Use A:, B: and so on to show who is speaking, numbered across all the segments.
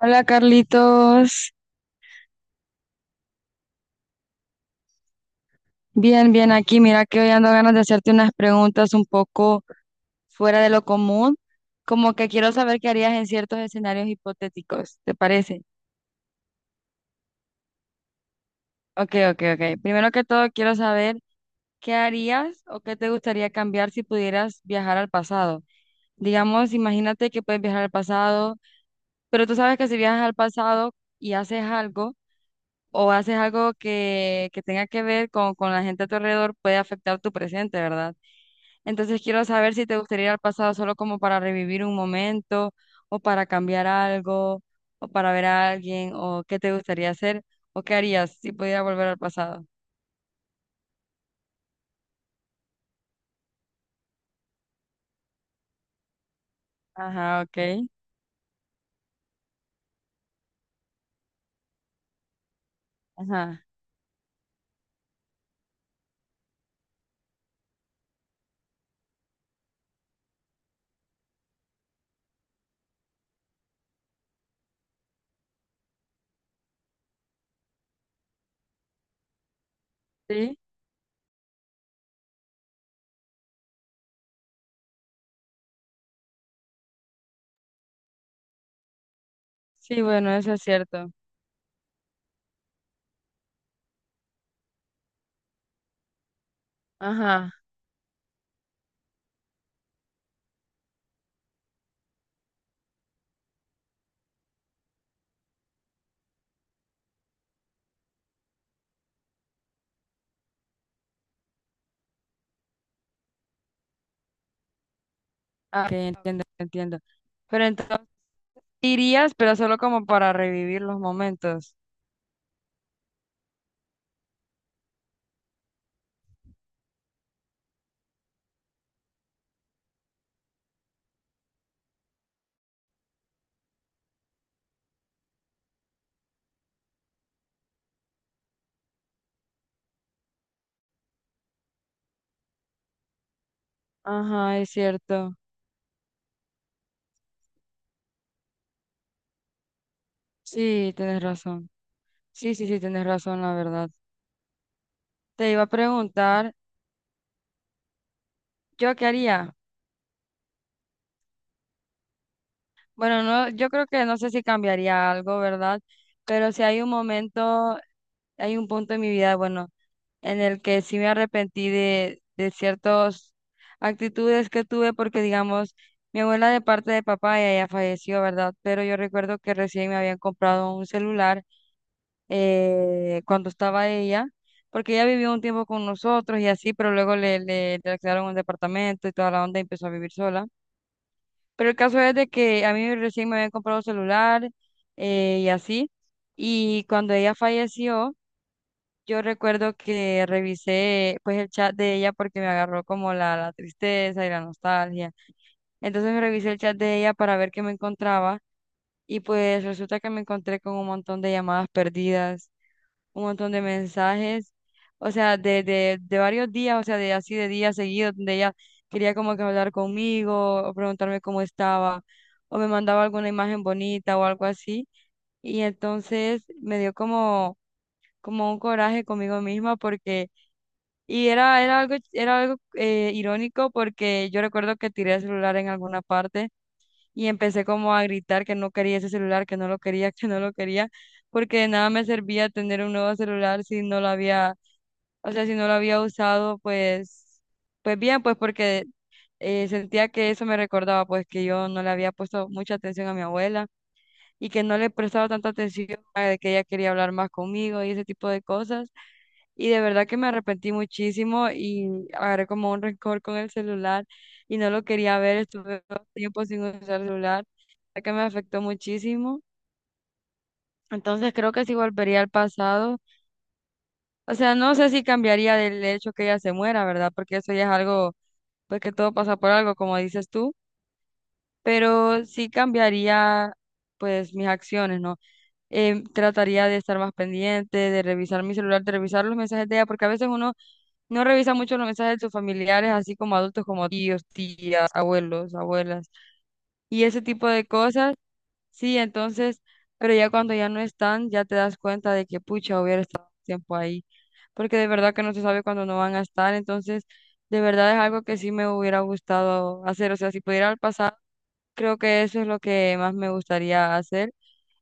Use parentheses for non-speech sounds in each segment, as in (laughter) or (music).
A: Hola Carlitos, bien, bien aquí. Mira que hoy ando ganas de hacerte unas preguntas un poco fuera de lo común, como que quiero saber qué harías en ciertos escenarios hipotéticos, ¿te parece? Ok, ok, ok. Primero que todo quiero saber qué harías o qué te gustaría cambiar si pudieras viajar al pasado. Digamos, imagínate que puedes viajar al pasado, pero tú sabes que si viajas al pasado y haces algo o haces algo que tenga que ver con la gente a tu alrededor, puede afectar tu presente, ¿verdad? Entonces quiero saber si te gustaría ir al pasado solo como para revivir un momento o para cambiar algo o para ver a alguien o qué te gustaría hacer o qué harías si pudiera volver al pasado. Ajá, ok. Ajá. Sí, sí, bueno, eso es cierto. Ajá. Ah, ok, entiendo, entiendo. Pero entonces irías, pero solo como para revivir los momentos. Ajá, es cierto. Sí, tienes razón. Sí, sí, sí, tienes razón, la verdad. Te iba a preguntar, ¿yo qué haría? Bueno, no, yo creo que no sé si cambiaría algo, ¿verdad? Pero si hay un momento, hay un punto en mi vida, bueno, en el que sí me arrepentí de ciertas actitudes que tuve, porque digamos, mi abuela de parte de papá ella ya falleció, ¿verdad? Pero yo recuerdo que recién me habían comprado un celular cuando estaba ella, porque ella vivió un tiempo con nosotros y así, pero luego le alquilaron un departamento y toda la onda y empezó a vivir sola. Pero el caso es de que a mí recién me habían comprado celular, y así. Y cuando ella falleció, yo recuerdo que revisé pues el chat de ella porque me agarró como la tristeza y la nostalgia. Entonces me revisé el chat de ella para ver qué me encontraba y pues resulta que me encontré con un montón de llamadas perdidas, un montón de mensajes, o sea, de varios días, o sea, de así de días seguidos, donde ella quería como que hablar conmigo o preguntarme cómo estaba, o me mandaba alguna imagen bonita o algo así. Y entonces me dio como un coraje conmigo misma porque, y era algo irónico porque yo recuerdo que tiré el celular en alguna parte y empecé como a gritar que no quería ese celular, que no lo quería, (laughs) que no lo quería, porque de nada me servía tener un nuevo celular si no lo había o sea, si no lo había usado, pues bien, pues porque sentía que eso me recordaba, pues que yo no le había puesto mucha atención a mi abuela y que no le prestaba tanta atención a de que ella quería hablar más conmigo y ese tipo de cosas. Y de verdad que me arrepentí muchísimo y agarré como un rencor con el celular y no lo quería ver. Estuve dos tiempos sin usar celular, ya que me afectó muchísimo. Entonces creo que sí volvería al pasado. O sea, no sé si cambiaría del hecho que ella se muera, ¿verdad? Porque eso ya es algo porque todo pasa por algo, como dices tú, pero sí cambiaría pues mis acciones, ¿no? Trataría de estar más pendiente, de revisar mi celular, de revisar los mensajes de ella, porque a veces uno no revisa mucho los mensajes de sus familiares, así como adultos, como tíos, tías, abuelos, abuelas, y ese tipo de cosas. Sí, entonces, pero ya cuando ya no están, ya te das cuenta de que pucha, hubiera estado tiempo ahí, porque de verdad que no se sabe cuándo no van a estar, entonces, de verdad es algo que sí me hubiera gustado hacer, o sea, si pudiera al pasado, creo que eso es lo que más me gustaría hacer,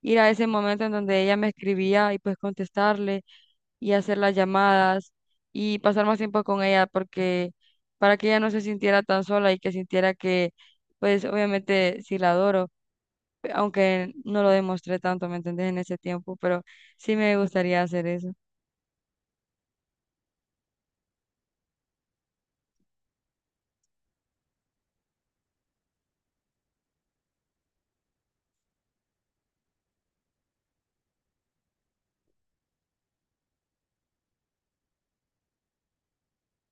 A: ir a ese momento en donde ella me escribía y pues contestarle y hacer las llamadas y pasar más tiempo con ella, porque para que ella no se sintiera tan sola y que sintiera que, pues obviamente sí la adoro aunque no lo demostré tanto, ¿me entendés? En ese tiempo, pero sí me gustaría hacer eso.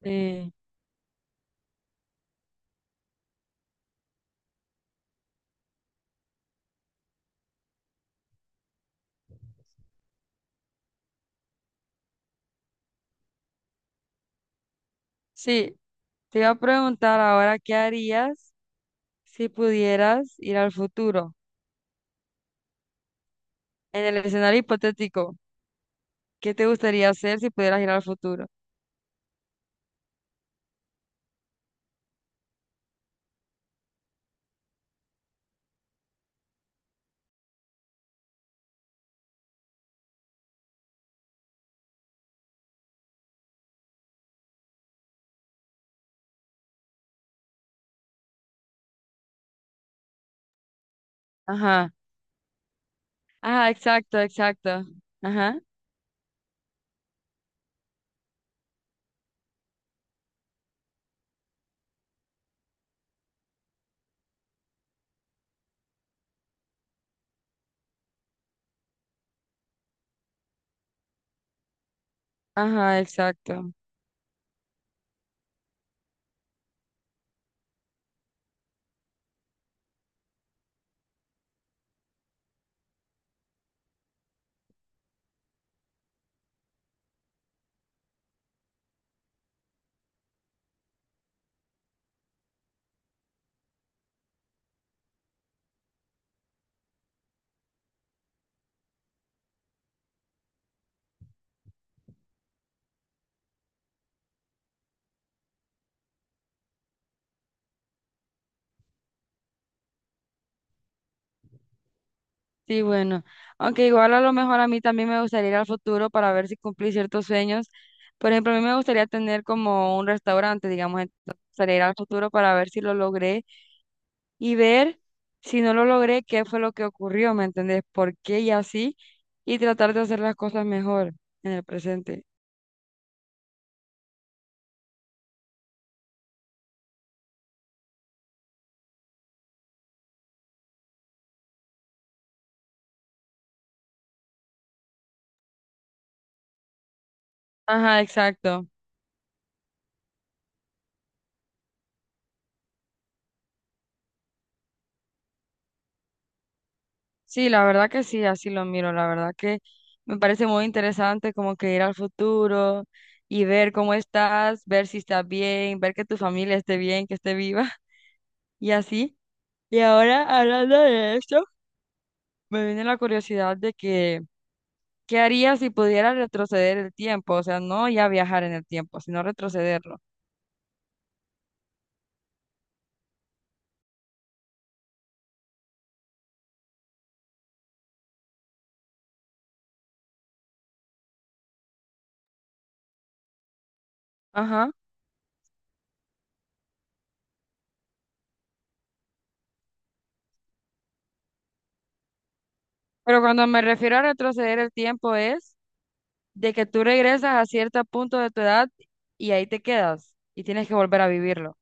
A: Sí, sí, te iba a preguntar ahora, ¿qué harías si pudieras ir al futuro? En el escenario hipotético, ¿qué te gustaría hacer si pudieras ir al futuro? Ajá, ajá, exacto, exacto. Ajá, ajá, exacto. Sí, bueno, aunque igual a lo mejor a mí también me gustaría ir al futuro para ver si cumplí ciertos sueños. Por ejemplo, a mí me gustaría tener como un restaurante, digamos, entonces me gustaría ir al futuro para ver si lo logré y ver si no lo logré, qué fue lo que ocurrió, ¿me entendés? ¿Por qué y así? Y tratar de hacer las cosas mejor en el presente. Ajá, exacto. Sí, la verdad que sí, así lo miro. La verdad que me parece muy interesante como que ir al futuro y ver cómo estás, ver si estás bien, ver que tu familia esté bien, que esté viva (laughs) y así. Y ahora, hablando de eso, me viene la curiosidad de que, ¿qué harías si pudieras retroceder el tiempo? O sea, no ya viajar en el tiempo, sino retrocederlo. Ajá. Pero cuando me refiero a retroceder el tiempo es de que tú regresas a cierto punto de tu edad y ahí te quedas y tienes que volver a vivirlo.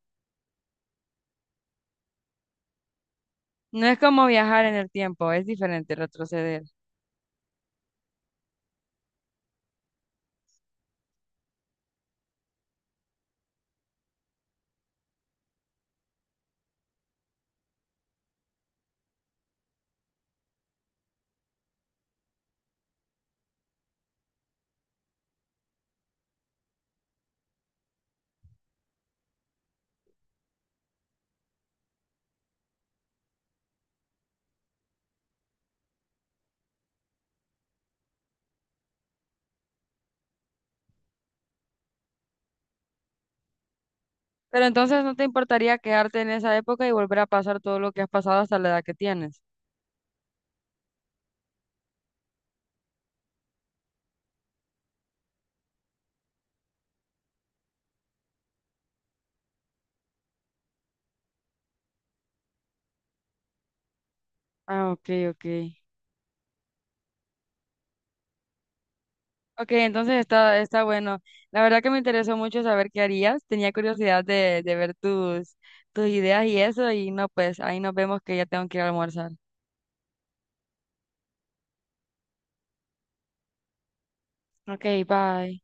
A: No es como viajar en el tiempo, es diferente retroceder. Pero entonces no te importaría quedarte en esa época y volver a pasar todo lo que has pasado hasta la edad que tienes. Ah, ok, ok. Ok, entonces está bueno. La verdad que me interesó mucho saber qué harías. Tenía curiosidad de ver tus ideas y eso. Y no, pues ahí nos vemos que ya tengo que ir a almorzar. Ok, bye.